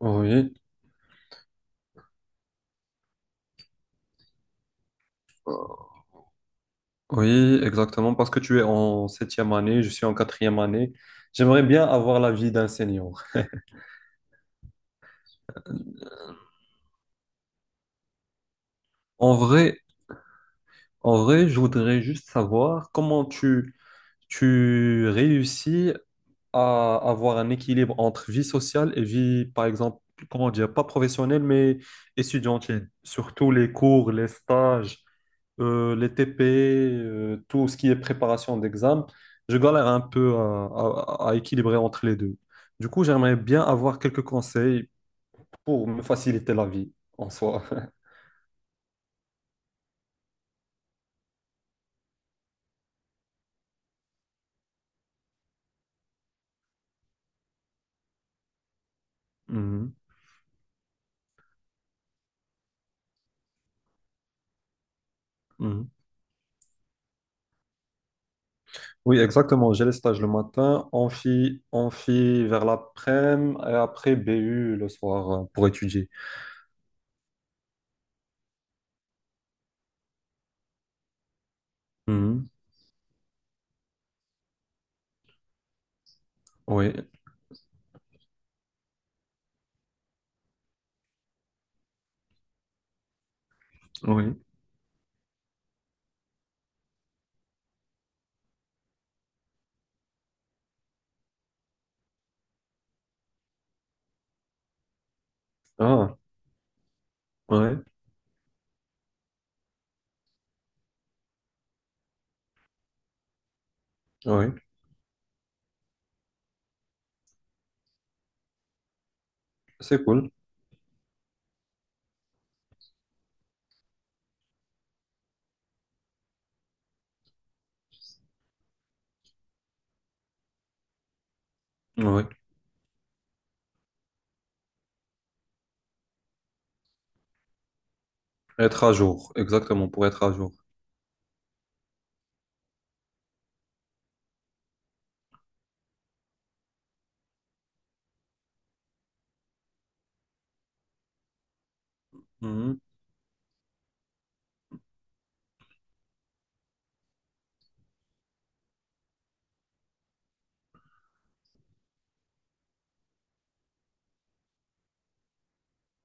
Oui, oui, exactement, parce que tu es en septième année, je suis en quatrième année. J'aimerais bien avoir l'avis d'un senior. En vrai, en vrai, je voudrais juste savoir tu réussis à avoir un équilibre entre vie sociale et vie, par exemple, comment dire, pas professionnelle, mais étudiantine. Surtout les cours, les stages, les TP, tout ce qui est préparation d'examen. Je galère un peu à équilibrer entre les deux. Du coup, j'aimerais bien avoir quelques conseils pour me faciliter la vie en soi. Mhm, mhm. Oui, exactement. J'ai les stages le matin, amphi vers l'après-midi et après BU le soir pour étudier. Oui, oui. Ah, oui, oui. C'est cool. Oui. Être à jour, exactement, pour être à jour. Mhm.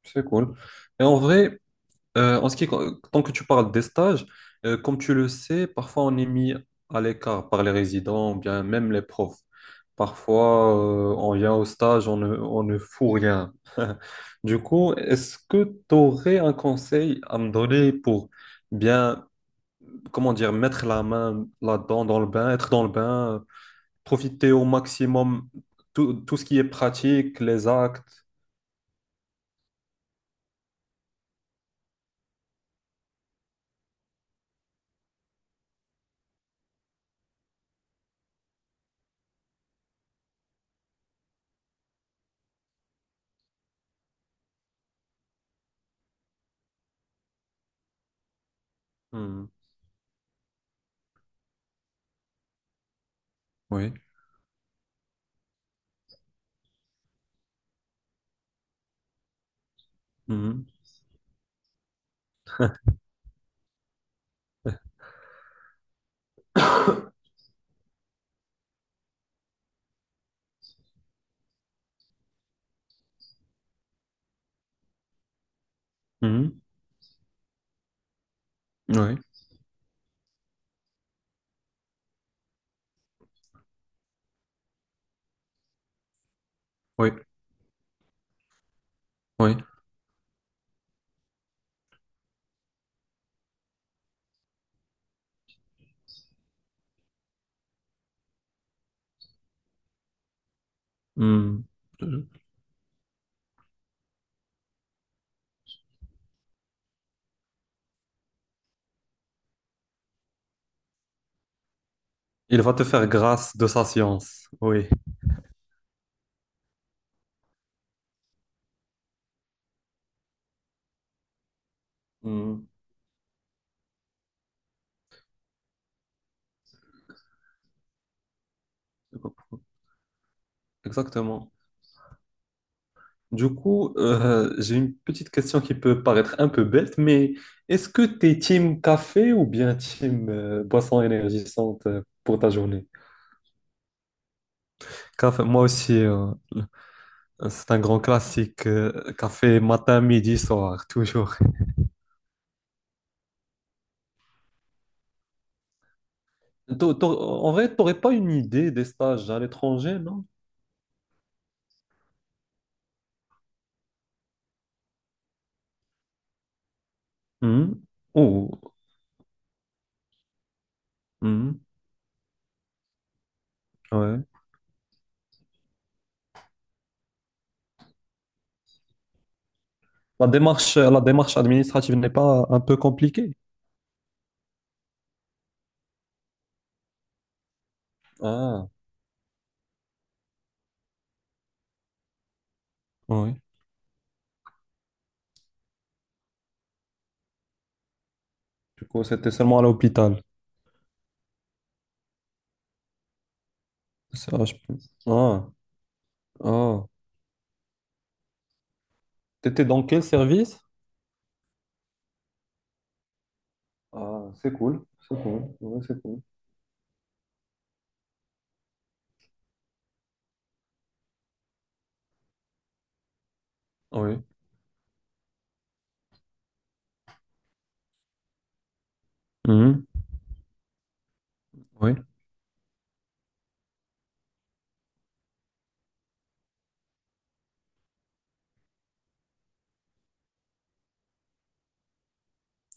C'est cool. Et en vrai, en ce qui, tant que tu parles des stages, comme tu le sais, parfois on est mis à l'écart par les résidents, ou bien même les profs. Parfois, on vient au stage, on ne fout rien. Du coup, est-ce que tu aurais un conseil à me donner pour bien, comment dire, mettre la main là-dedans, dans le bain, être dans le bain? Profiter au maximum tout ce qui est pratique, les actes. Mhm. Oui. Mhm. Mhm. Oui, oui, oui. Mhm. Il va te faire grâce de sa science. Oui. Mhm. Exactement. Du coup, j'ai une petite question qui peut paraître un peu bête, mais est-ce que tu es team café ou bien team boisson énergisante pour ta journée? Café, moi aussi. C'est un grand classique, café matin, midi, soir, toujours. En vrai, t'aurais pas une idée des stages à l'étranger, non? Mhm. Oh, mhm, ouais. La démarche administrative n'est pas un peu compliquée? Ah, oui. Du coup, c'était seulement à l'hôpital. Ça, je peux- Ah, ah. T'étais dans quel service? Ah, c'est cool, ouais, c'est cool. Oui. Mhm, Oui,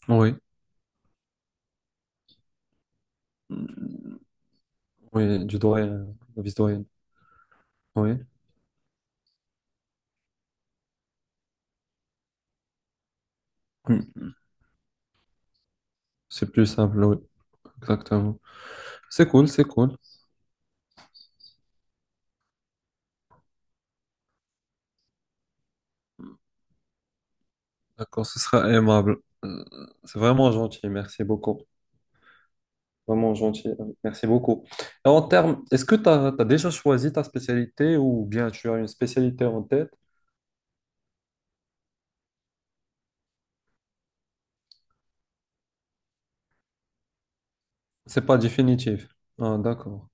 oui, oui, du doyen, la vice-doyenne, oui. C'est plus simple, oui, exactement. C'est cool, c'est cool. D'accord, ce sera aimable. Euh, C'est vraiment gentil, merci beaucoup. Vraiment gentil, merci beaucoup. Et en termes, est-ce que tu as, déjà choisi ta spécialité ou bien tu as une spécialité en tête? C'est pas définitif. Ah, d'accord.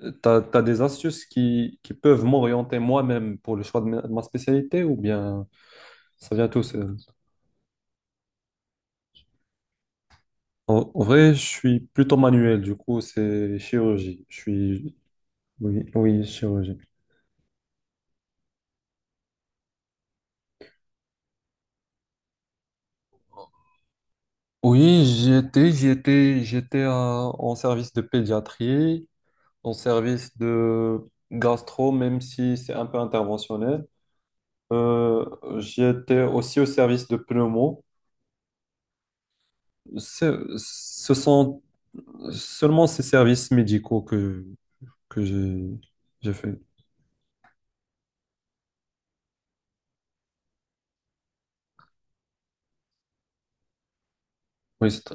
Tu as, des astuces qui peuvent m'orienter moi-même pour le choix de ma spécialité ou bien ça vient tout seul? En vrai, je suis plutôt manuel, du coup, c'est chirurgie. Je suis oui, chirurgie. Oui, j'étais en service de pédiatrie, en service de gastro, même si c'est un peu interventionnel. Euh, j'étais aussi au service de pneumo. Ce sont seulement ces services médicaux que j'ai fait. Oui, c'est-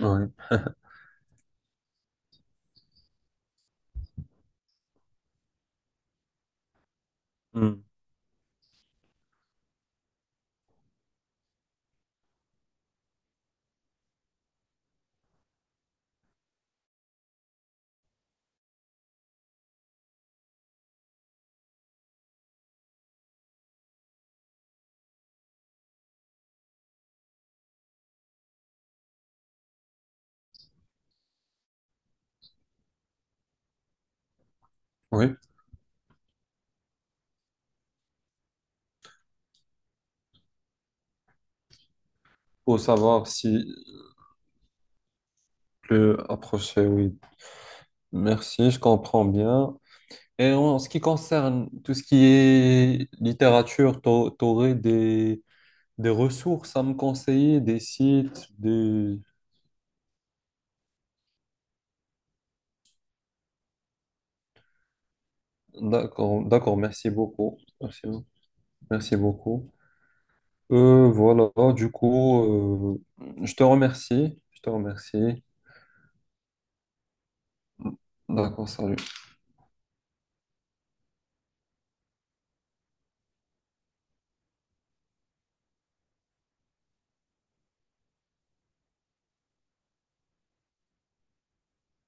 ouais. Hmm. Oui, pour savoir si le approcher, oui. Merci, je comprends bien. Et en ce qui concerne tout ce qui est littérature, t'aurais des ressources à me conseiller, des sites, des... D'accord, d'accord, merci beaucoup. Merci, merci beaucoup. Voilà, du coup, je te remercie. Je te remercie. D'accord, salut.